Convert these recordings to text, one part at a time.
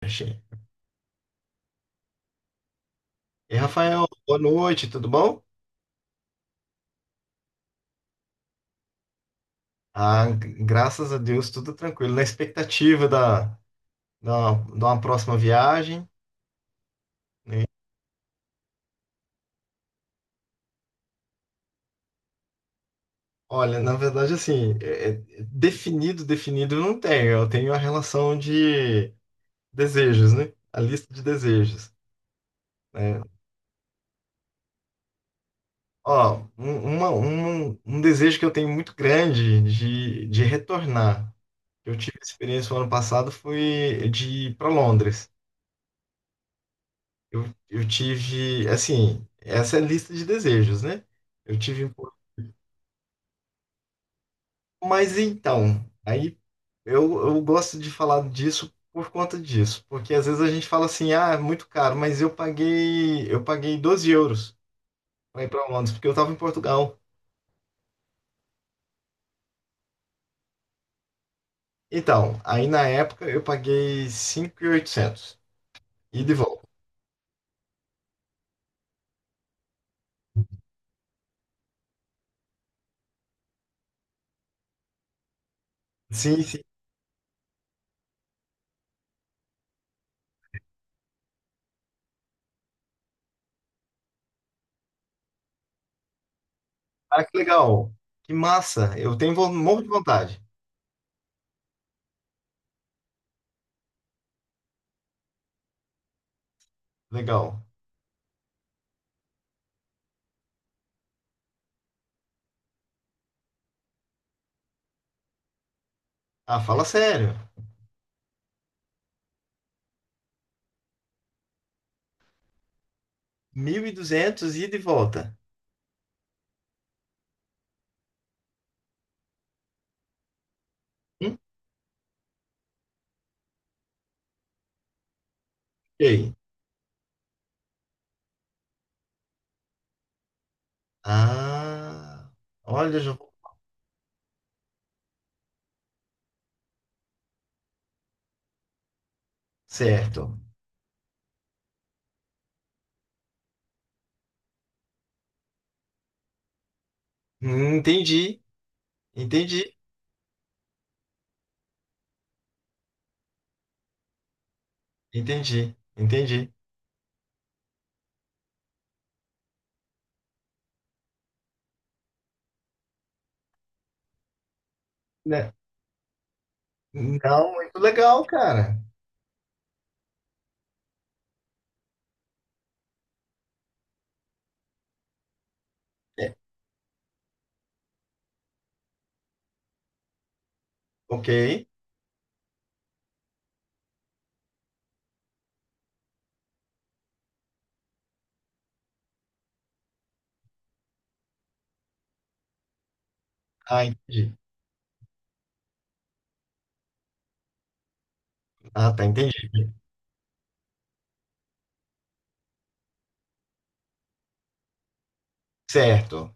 Achei. E Rafael, boa noite, tudo bom? Ah, graças a Deus, tudo tranquilo. Na expectativa da uma próxima viagem, né? Olha, na verdade, assim, definido, definido eu não tenho. Eu tenho a relação de desejos, né? A lista de desejos, né? Ó, um desejo que eu tenho muito grande de retornar. Eu tive experiência no ano passado, foi de ir para Londres. Eu, eu tive, assim, essa é a lista de desejos, né? Eu tive um pouco, mas então, aí eu gosto de falar disso por conta disso, porque às vezes a gente fala assim, ah, é muito caro, mas eu paguei 12 euros para ir para Londres, porque eu estava em Portugal. Então, aí na época eu paguei 5.800 e oitocentos ida e volta. Sim, sim. Ah, que legal. Que massa. Eu tenho morro de vontade. Legal. Ah, fala sério. 1.200 ida e volta. Hum? E aí? Ah, olha, já vou. Certo. Entendi, entendi, entendi, entendi. Né? Não, muito legal, cara. É, ok. Ah, entendi. Ah, tá, entendi. Certo.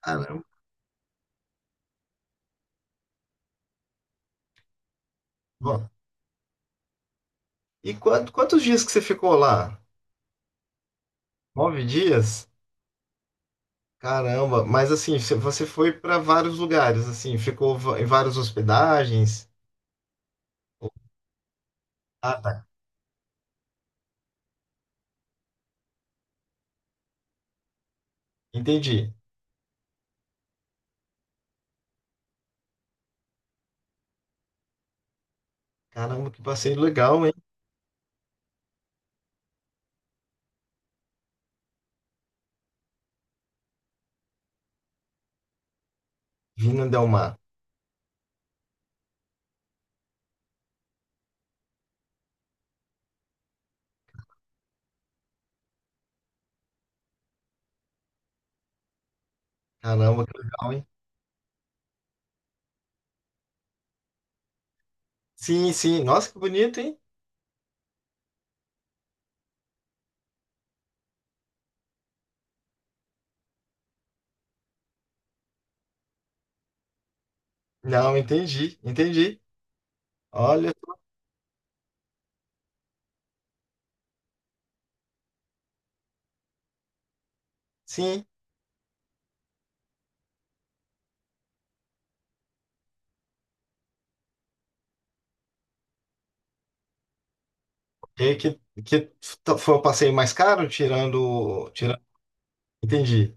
Caramba. Bom, e quantos dias que você ficou lá? 9 dias? Caramba, mas assim, você foi para vários lugares, assim, ficou em várias hospedagens? Ah, tá, entendi. Caramba, que passeio legal, hein? Vindo Del Mar. Caramba, que legal, hein? Sim, sim. Nossa, que bonito, hein? Não, entendi, entendi. Olha, sim. E que foi o passeio mais caro, tirando, tirando. Entendi.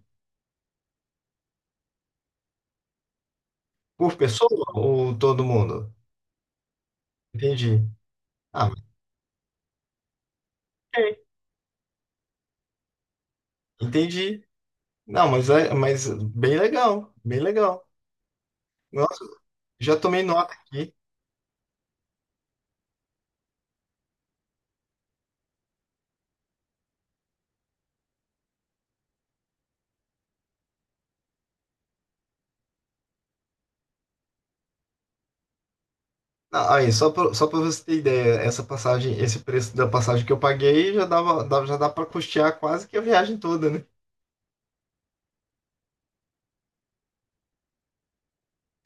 Por pessoa ou todo mundo? Entendi. Ah, mas ok. Entendi. Não, mas bem legal, bem legal. Nossa, já tomei nota aqui. Ah, aí, só para você ter ideia, essa passagem, esse preço da passagem que eu paguei já já dá para custear quase que a viagem toda, né?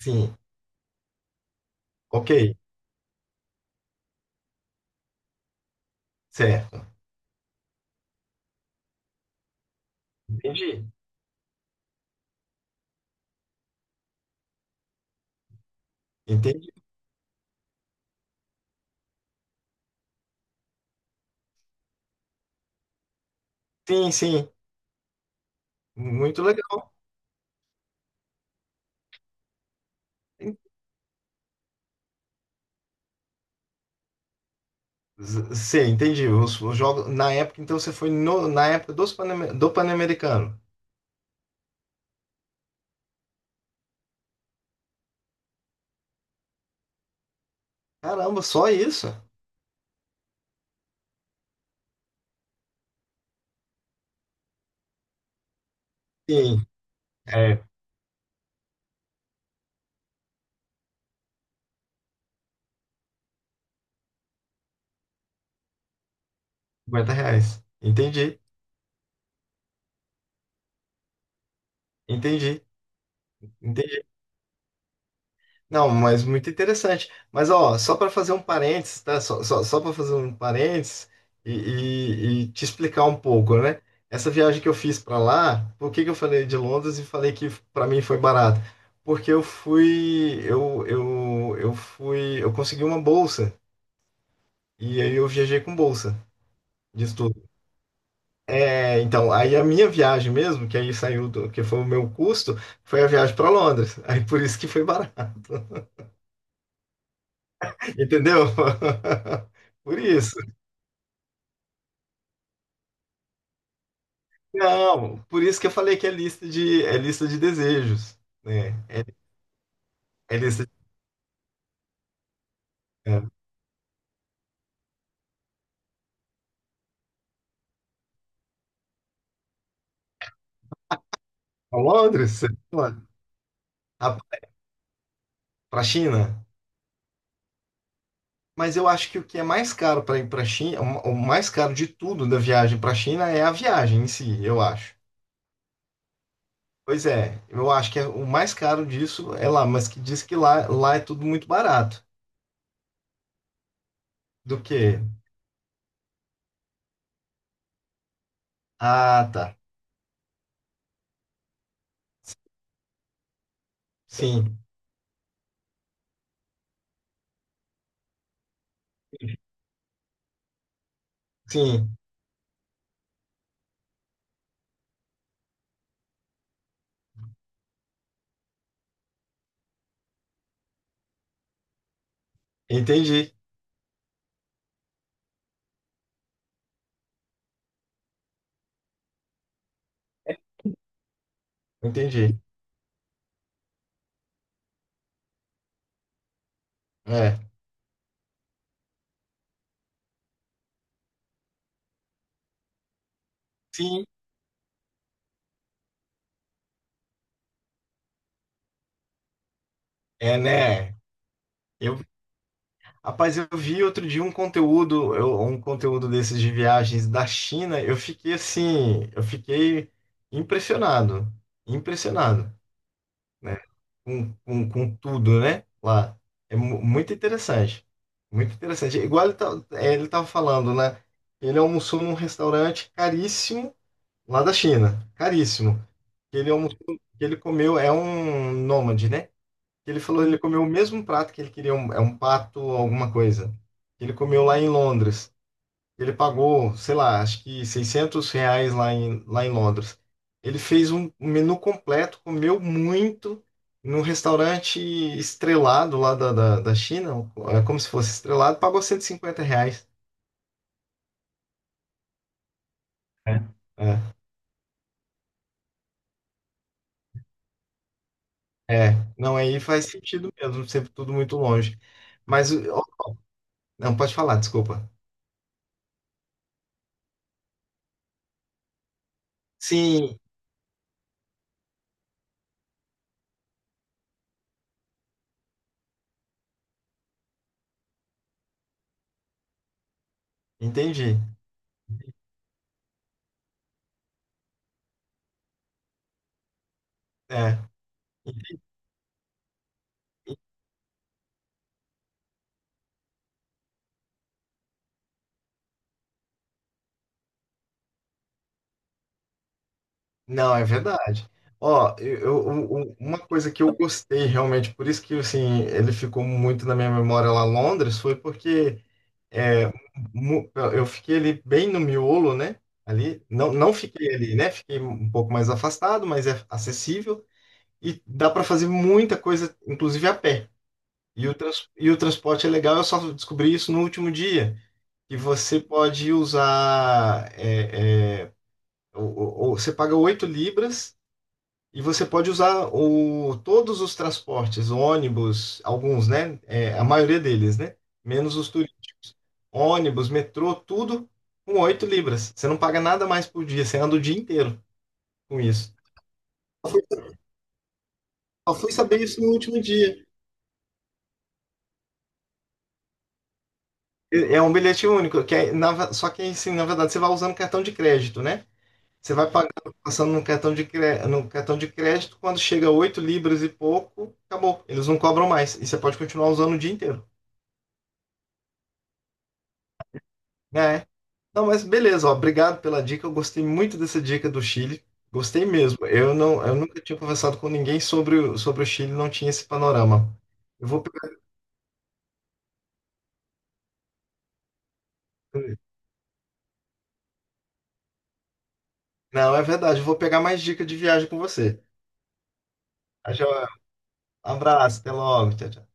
Sim, ok, certo. Entendi. Entendi. Sim, sim. Muito legal. Sim, entendi. Os jogos na época, então você foi na época dos do Pan-Americano. Caramba, só isso? Sim, é, R$ 50. Entendi, entendi. Não, mas muito interessante. Mas ó, só para fazer um parênteses, tá? Só para fazer um parênteses e te explicar um pouco, né? Essa viagem que eu fiz para lá, por que que eu falei de Londres e falei que para mim foi barato? Porque eu fui, eu consegui uma bolsa e aí eu viajei com bolsa de estudo. É, então, aí a minha viagem mesmo, que aí saiu do, que foi o meu custo, foi a viagem para Londres. Aí por isso que foi barato, entendeu? Por isso. Não, por isso que eu falei que é lista de desejos, né? É, é lista de. É, pra Londres, você fala? a- Pra China. Mas eu acho que o que é mais caro para ir para China, o mais caro de tudo da viagem para a China é a viagem em si, eu acho. Pois é, eu acho que é, o mais caro disso é lá, mas que diz que lá, é tudo muito barato. Do que? Ah, tá. Sim, sim, entendi, entendi. É, sim, é, né? Eu, rapaz, eu vi outro dia um conteúdo, um conteúdo desses de viagens da China, eu fiquei assim, eu fiquei impressionado, impressionado, né? Com tudo, né? Lá. É muito interessante, muito interessante. É igual ele tá, é, ele tava falando, né? Ele almoçou num restaurante caríssimo lá da China, caríssimo. Ele almoçou, ele comeu, é um nômade, né? Ele falou, ele comeu o mesmo prato que ele queria, um, é um pato alguma coisa. Ele comeu lá em Londres. Ele pagou, sei lá, acho que R$ 600 lá em Londres. Ele fez um menu completo, comeu muito num restaurante estrelado lá da China, é como se fosse estrelado, pagou R$ 150. É. É, é, não, aí faz sentido mesmo, sempre tudo muito longe. Mas, ó, não, pode falar, desculpa. Sim, entendi. É. Não, é verdade. Ó, uma coisa que eu gostei realmente, por isso que assim, ele ficou muito na minha memória lá em Londres, foi porque é, eu fiquei ali bem no miolo, né? Ali, não, não fiquei ali, né? Fiquei um pouco mais afastado, mas é acessível e dá para fazer muita coisa, inclusive a pé. E e o transporte é legal, eu só descobri isso no último dia, que você pode usar, o- você paga 8 libras e você pode usar todos os transportes, ônibus, alguns, né? É, a maioria deles, né? Menos os turísticos. Ônibus, metrô, tudo com 8 libras. Você não paga nada mais por dia, você anda o dia inteiro com isso. Só fui saber isso no último dia. É um bilhete único, que é, só que assim, na verdade, você vai usando cartão de crédito, né? Você vai pagando, passando no cartão de crédito, quando chega 8 libras e pouco, acabou. Eles não cobram mais. E você pode continuar usando o dia inteiro. Né? Não, mas beleza, ó, obrigado pela dica. Eu gostei muito dessa dica do Chile. Gostei mesmo. Eu nunca tinha conversado com ninguém sobre o Chile, não tinha esse panorama. Eu vou pegar... Não, é verdade, eu vou pegar mais dica de viagem com você. Tá joia? Abraço, até logo. Tchau, tchau.